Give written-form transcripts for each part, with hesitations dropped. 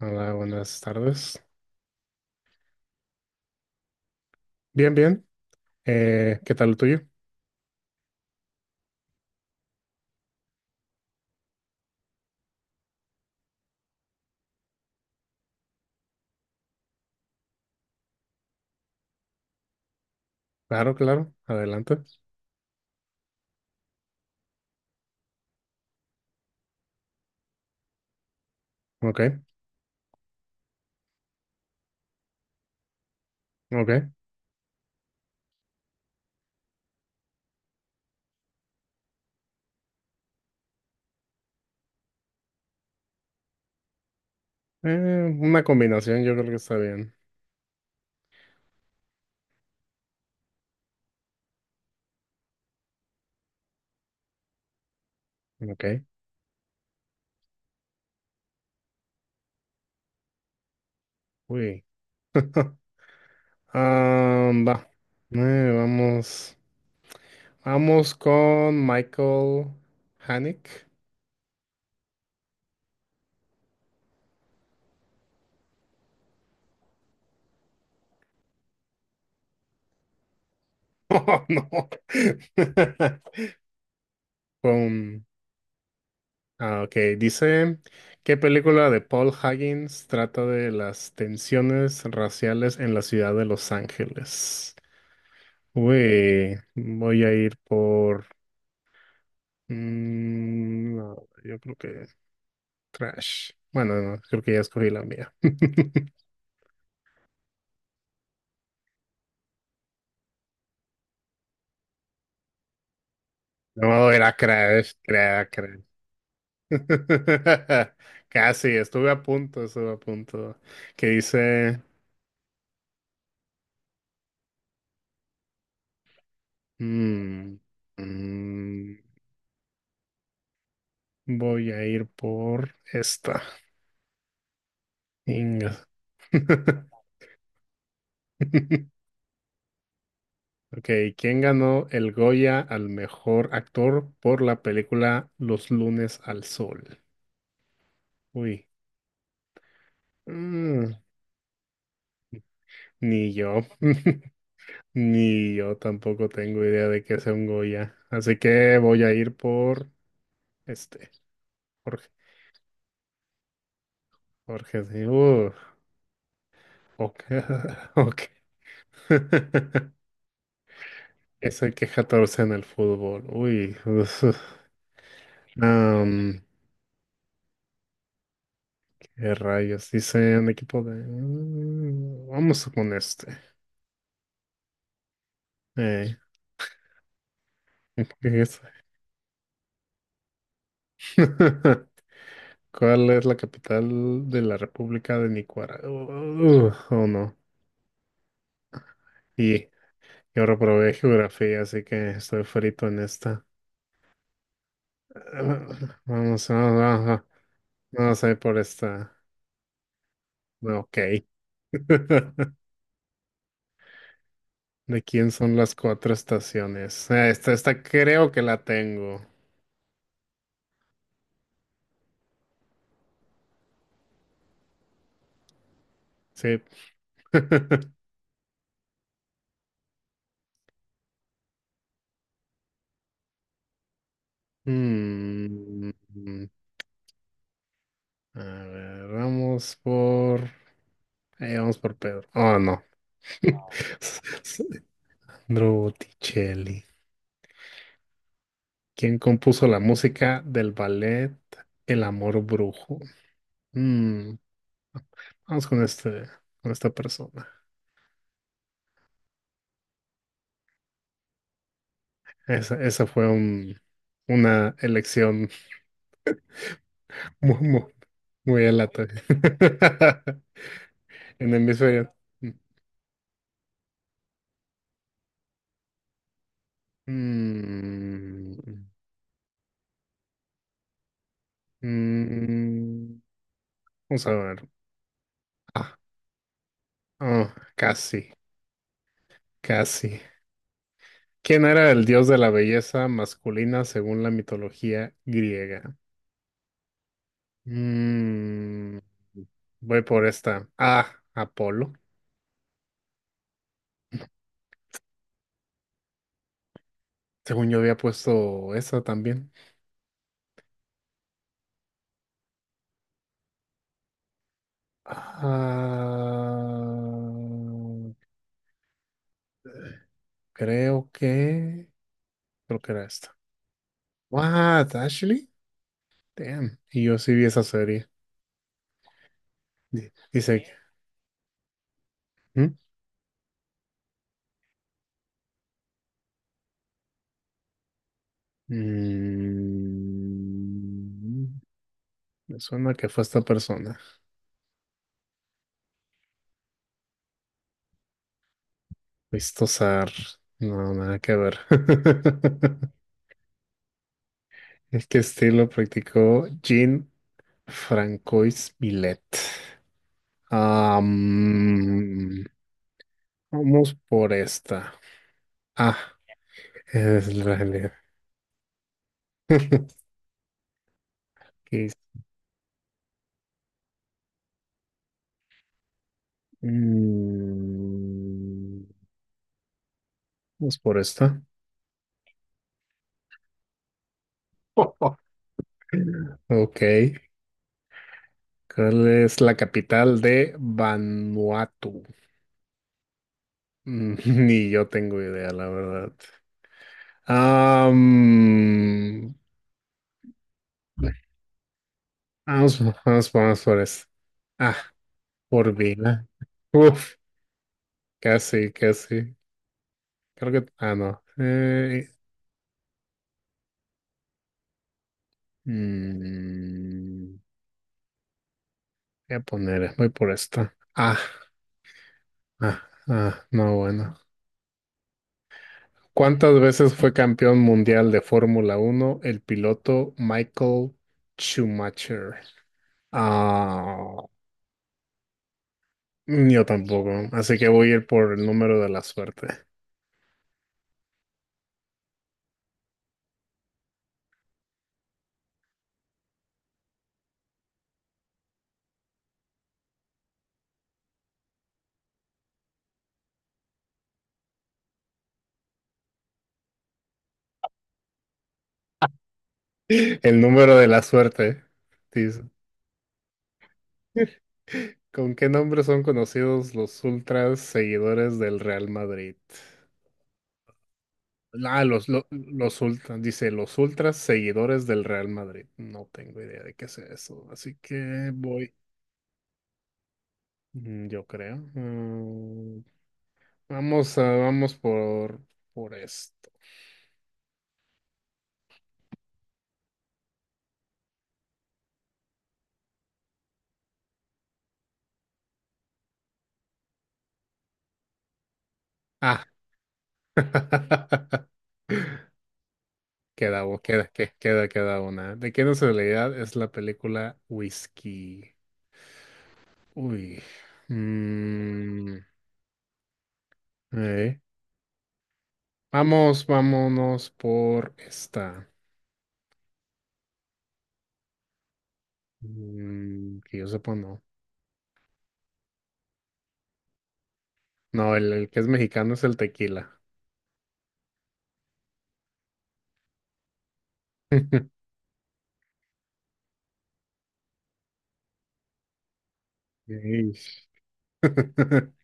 Hola, buenas tardes. Bien, bien. ¿Qué tal lo tuyo? Claro, claro. Adelante. Ok, ok. Una combinación yo creo que está bien. Ok. Uy. Ah, va. Vamos. Vamos con Michael Haneke. Oh, no. Con. Ah, ok. Dice, ¿qué película de Paul Higgins trata de las tensiones raciales en la ciudad de Los Ángeles? Uy, voy a ir por... no, yo creo que Crash. Bueno, no, creo que ya escogí la mía. No, era Crash, Crash. Casi, estuve a punto, estuve a punto. Que dice... mm, mm, voy a ir por esta. Inga. Ok, ¿quién ganó el Goya al mejor actor por la película Los lunes al sol? Uy, mm, ni yo, ni yo tampoco tengo idea de qué sea un Goya. Así que voy a ir por este, Jorge, Jorge, sí, ok, ok. Ese que 14 en el fútbol, uy, uf, am, qué rayos, dice el equipo de, vamos con este, eh, ¿qué es? ¿Cuál es la capital de la República de Nicaragua? Oh no. Y yo reprobé geografía, así que estoy frito en esta. Vamos, vamos, vamos, vamos a ir por esta. No, ok. ¿De quién son las cuatro estaciones? Ah, esta creo que la tengo. Sí. Mm, a ver, vamos por. Vamos por Pedro. Oh, no. Sandro Botticelli. ¿Quién compuso la música del ballet El Amor Brujo? Mm. Vamos con este, con esta persona. Esa fue un, una elección muy, muy, muy alata. En el hemisferio. Mm, mm, Vamos a ver. Ah, oh, casi, casi. ¿Quién era el dios de la belleza masculina según la mitología griega? Mm, Voy por esta. Ah, Apolo. Según yo había puesto esa también. Ah, creo que, creo que era esta. What, Ashley? Damn. Y yo sí vi esa serie. Dice que, ¿mm? Mm, Me suena que fue esta persona. Listo, no, nada que ver. Es que estilo practicó Jean Francois Millet. Am, Vamos por esta. Ah. Esa es la realidad. ¿Qué es? Mm, Vamos por esta. Ok. ¿Cuál es la capital de Vanuatu? Mm, ni yo tengo idea, la verdad. Am, Vamos, vamos, vamos por eso. Ah, por vida. Uf, casi, casi. Creo que. Ah, no. Mm, Voy a poner, voy por esta. Ah. Ah, ah, no, bueno. ¿Cuántas veces fue campeón mundial de Fórmula Uno el piloto Michael Schumacher? Ah, yo tampoco, así que voy a ir por el número de la suerte. El número de la suerte, dice. ¿Con qué nombre son conocidos los ultras seguidores del Real Madrid? Ah, los ultras, dice los ultras seguidores del Real Madrid. No tengo idea de qué sea eso, así que voy. Yo creo. Vamos a, vamos por esto. Ah. Queda, queda una. ¿De qué nacionalidad es la película Whisky? Uy. Mm, eh. Vamos, vámonos por esta. Mm, que yo sepa, no. No, el que es mexicano es el tequila. Ish.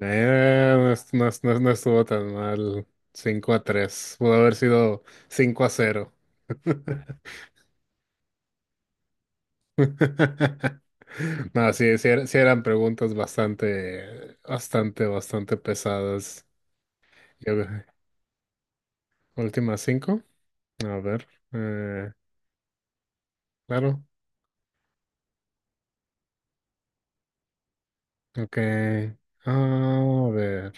No, no estuvo tan mal. Cinco a tres. Pudo haber sido 5 a cero. No, sí, sí, sí eran preguntas bastante, bastante, bastante pesadas. Yo, últimas 5. A ver. eh, claro. Ok. Ah, a ver.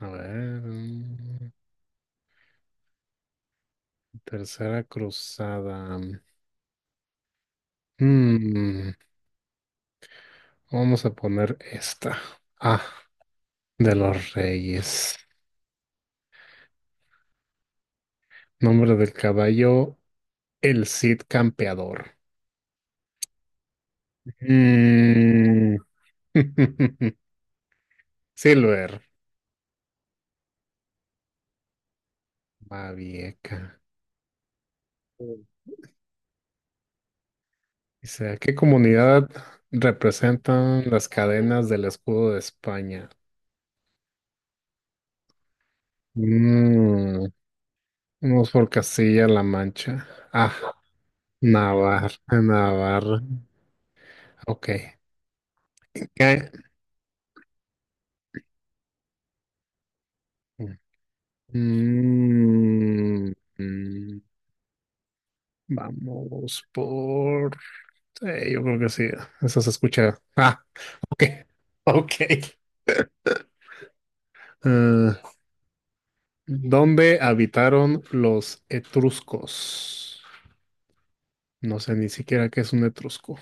A ver. Tercera cruzada. Mm, Vamos a poner esta. Ah, de los reyes. Nombre del caballo, el Cid Campeador. Mm. Silver, Babieca. Mm. Dice, ¿a qué comunidad representan las cadenas del escudo de España? Mm, Vamos por Castilla-La Mancha. Ah, Navarra, Navarra. Ok. ¿Qué? Mm, mm, Vamos por. Yo creo que sí, eso se escucha. Ah, ok, ok. Eh, ¿Dónde habitaron los etruscos? No sé ni siquiera qué es un etrusco,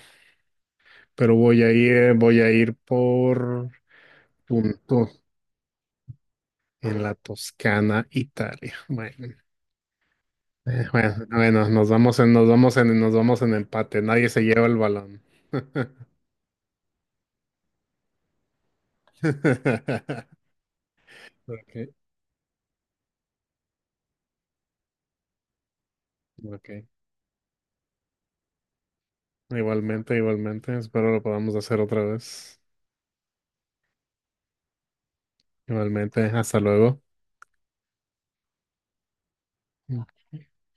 pero voy a ir por punto en la Toscana, Italia. Bueno, bueno, nos vamos en empate. Nadie se lleva el balón. Ok, ok. Igualmente, igualmente. Espero lo podamos hacer otra vez. Igualmente, hasta luego.